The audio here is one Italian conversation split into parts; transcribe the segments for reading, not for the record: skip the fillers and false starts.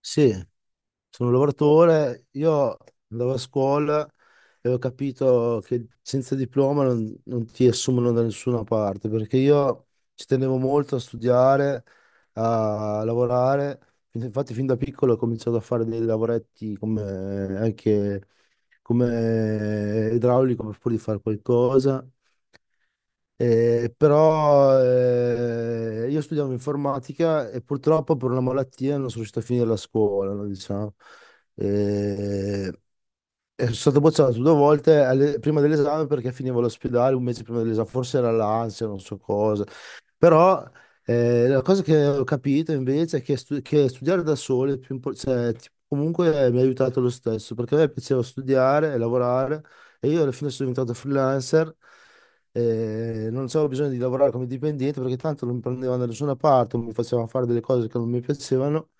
Sì, sono un lavoratore. Io andavo a scuola e ho capito che senza diploma non ti assumono da nessuna parte, perché io ci tenevo molto a studiare, a lavorare. Infatti fin da piccolo ho cominciato a fare dei lavoretti come, anche come idraulico per pur di fare qualcosa. Però io studiavo informatica e purtroppo per una malattia non sono riuscito a finire la scuola, no, diciamo. Eh, e sono stato bocciato 2 volte prima dell'esame perché finivo all'ospedale un mese prima dell'esame, forse era l'ansia, non so cosa. Però la cosa che ho capito invece è che, che studiare da solo è più cioè, comunque mi ha aiutato lo stesso, perché a me piaceva studiare e lavorare e io alla fine sono diventato freelancer. Non avevo bisogno di lavorare come dipendente perché tanto non mi prendevano da nessuna parte, mi facevano fare delle cose che non mi piacevano.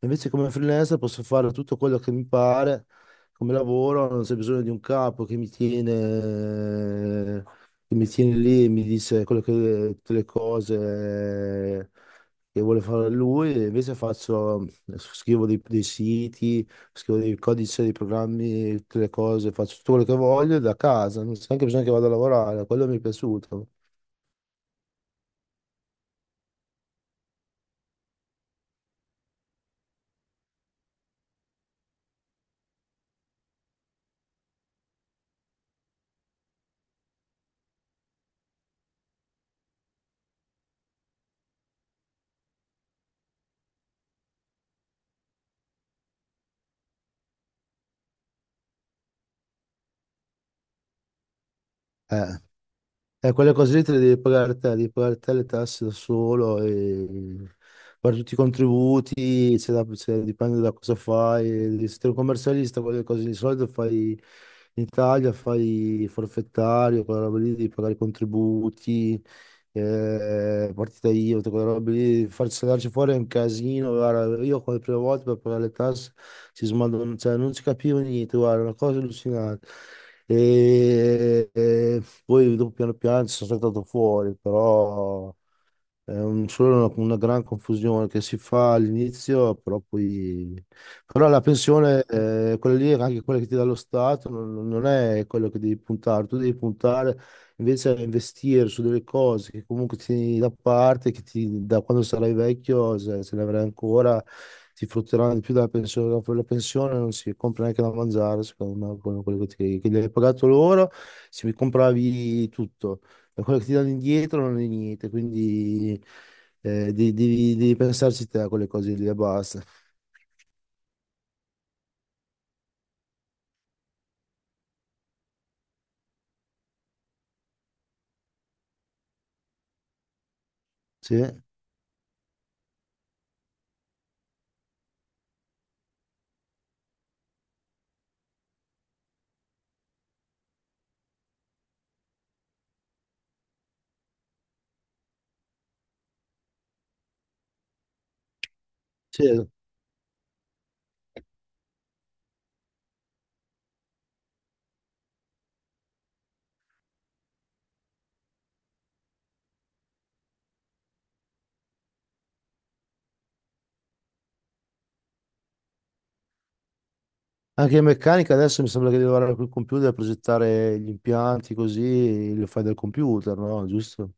Invece come freelancer posso fare tutto quello che mi pare come lavoro, non c'è bisogno di un capo che mi tiene lì e mi dice quello che, tutte le cose che vuole fare lui, e invece faccio, scrivo dei siti, scrivo dei codici, dei programmi, tutte le cose, faccio tutto quello che voglio da casa, non c'è neanche bisogno che vada a lavorare, quello mi è piaciuto. Eh, e quelle cose lì te le devi pagare te le tasse da solo, e fare tutti i contributi, dipende da cosa fai, e se sei un commercialista, quelle cose lì, di solito fai in Italia, fai forfettario, quella roba lì, devi pagare i contributi, partita IVA, tutte quelle robe lì, farsi saldarci fuori è un casino, guarda, io come prima volta per pagare le tasse cioè, non si capiva niente, guarda, una cosa allucinante. E poi dopo piano piano ci sono stato fuori, però è solo una gran confusione che si fa all'inizio, però poi... Però la pensione, quella lì, anche quella che ti dà lo Stato, non è quello che devi puntare. Tu devi puntare invece a investire su delle cose che comunque ti tieni da parte, che ti, da quando sarai vecchio, se ne avrai ancora, ti frutteranno di più della pensione. Dopo la pensione non si compra neanche da mangiare, secondo me, quello che, che gli hai pagato loro, si compravi tutto. E quello che ti danno indietro non è niente, quindi devi, devi pensarci te a quelle cose lì e basta. Sì. Sì. Anche in meccanica adesso mi sembra che devi lavorare col computer, progettare gli impianti così, lo fai dal computer, no? Giusto?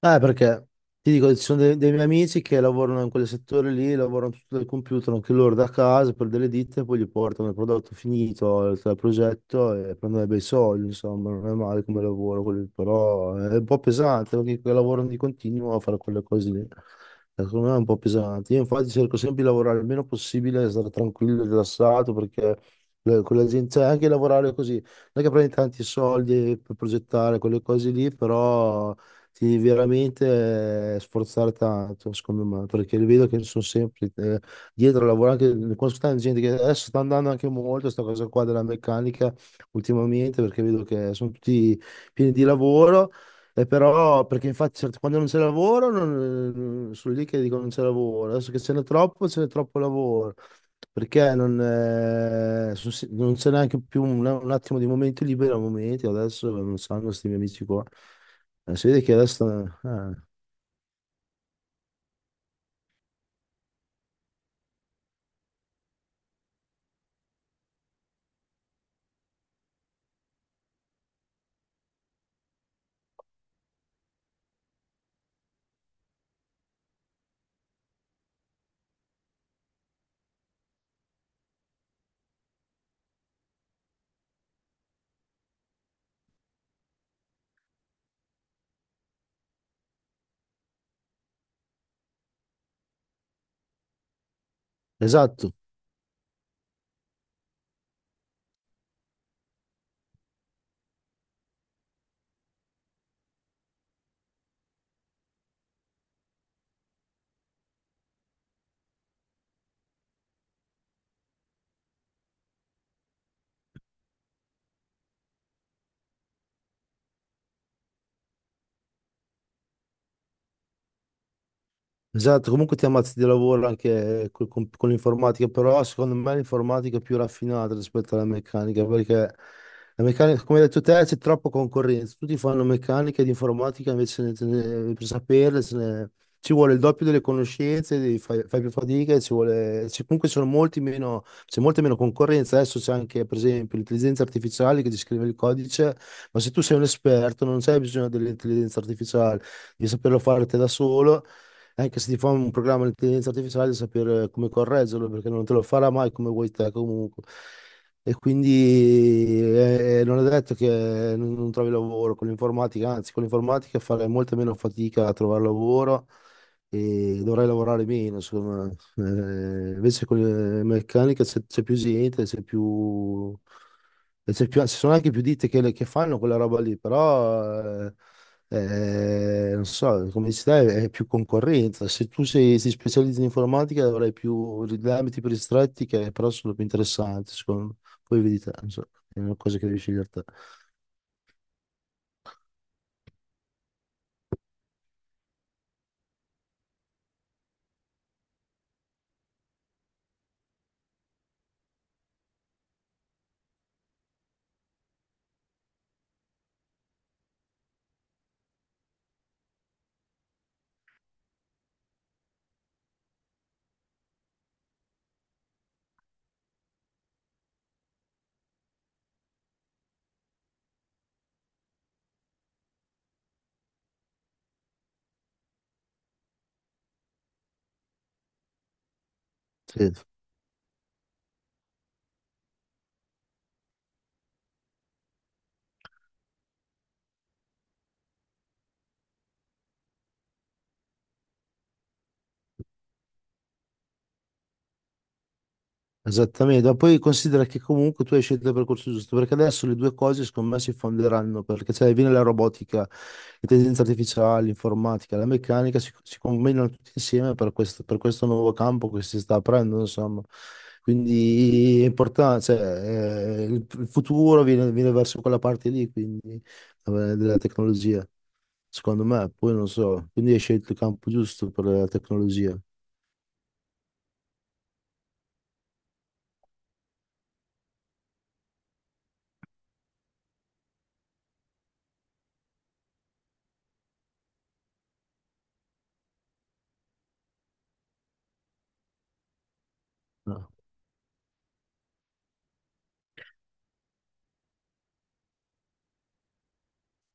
Perché ti dico, ci sono dei miei amici che lavorano in quel settore lì, lavorano tutto dal computer, anche loro da casa per delle ditte, poi gli portano il prodotto finito il progetto e prendono dei bei soldi, insomma, non è male come lavoro, quello lì, però è un po' pesante perché che lavorano di continuo a fare quelle cose lì. Secondo me è un po' pesante. Io infatti cerco sempre di lavorare il meno possibile, stare tranquillo, rilassato, perché con la gente, cioè anche lavorare così, non è che prendi tanti soldi per progettare quelle cose lì, però ti devi veramente sforzare tanto, secondo me, perché vedo che sono sempre dietro a lavorare, anche, conosco tanta gente che adesso sta andando anche molto questa cosa qua della meccanica ultimamente, perché vedo che sono tutti pieni di lavoro, e però, perché infatti quando non c'è lavoro, sono lì che dicono non c'è lavoro, adesso che ce n'è troppo lavoro. Perché non, sono non c'è neanche più un attimo di momento libero a momenti, adesso non sanno questi miei amici qua. Si vede che resta... esatto. Esatto, comunque ti ammazzi di lavoro anche con l'informatica, però secondo me l'informatica è più raffinata rispetto alla meccanica, perché la meccanica, come hai detto te, c'è troppa concorrenza, tutti fanno meccanica ed informatica, invece per saperle ci vuole il doppio delle conoscenze, devi fai più fatica, e ci vuole, comunque ci sono molti meno, c'è molta meno concorrenza, adesso c'è anche per esempio l'intelligenza artificiale che ti scrive il codice, ma se tu sei un esperto non c'è bisogno dell'intelligenza artificiale, devi saperlo fare te da solo. Anche se ti fa un programma di intelligenza artificiale, sapere come correggerlo, perché non te lo farà mai come vuoi te comunque. E quindi non è detto che non trovi lavoro con l'informatica, anzi, con l'informatica farai molta meno fatica a trovare lavoro e dovrai lavorare meno, secondo me. Invece con le meccaniche c'è più gente, c'è più... e ci sono anche più ditte che fanno quella roba lì, però eh, non so, come dici te, è più concorrenza. Se tu sei, ti specializzi in informatica avrai più degli ambiti più ristretti che però sono più interessanti, secondo me. Poi vedi te, non so, è una cosa che devi scegliere te. Sì. Esattamente, ma poi considera che comunque tu hai scelto il percorso giusto, perché adesso le due cose secondo me si fonderanno, perché cioè, viene la robotica, l'intelligenza artificiale, l'informatica, la meccanica, si combinano tutti insieme per questo nuovo campo che si sta aprendo, insomma. Quindi è importante, cioè, il futuro viene, viene verso quella parte lì, quindi, della tecnologia, secondo me, poi non so, quindi hai scelto il campo giusto per la tecnologia. No?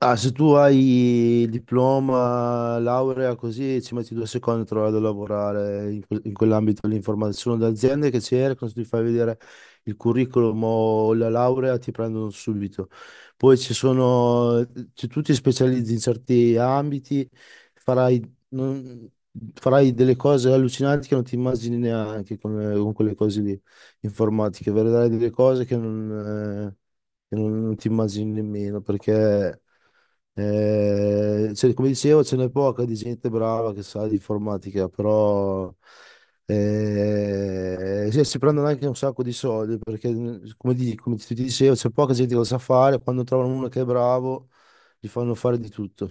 Ah, se tu hai diploma, laurea, così ci metti 2 secondi a trovare da lavorare in, in quell'ambito lì. Informatica. Ci sono le aziende che cercano, se ti fai vedere il curriculum o la laurea, ti prendono subito. Poi ci sono, se tu ti specializzi in certi ambiti, farai, non- farai delle cose allucinanti che non ti immagini neanche con quelle cose lì, informatiche. Vedrai delle cose che non che non ti immagini nemmeno perché. Cioè, come dicevo, ce n'è poca di gente brava che sa di informatica, però sì, si prendono anche un sacco di soldi perché, come, come ti dicevo, c'è poca gente che lo sa fare. Quando trovano uno che è bravo, gli fanno fare di tutto.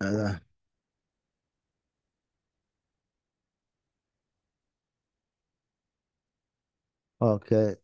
Dai. Ok,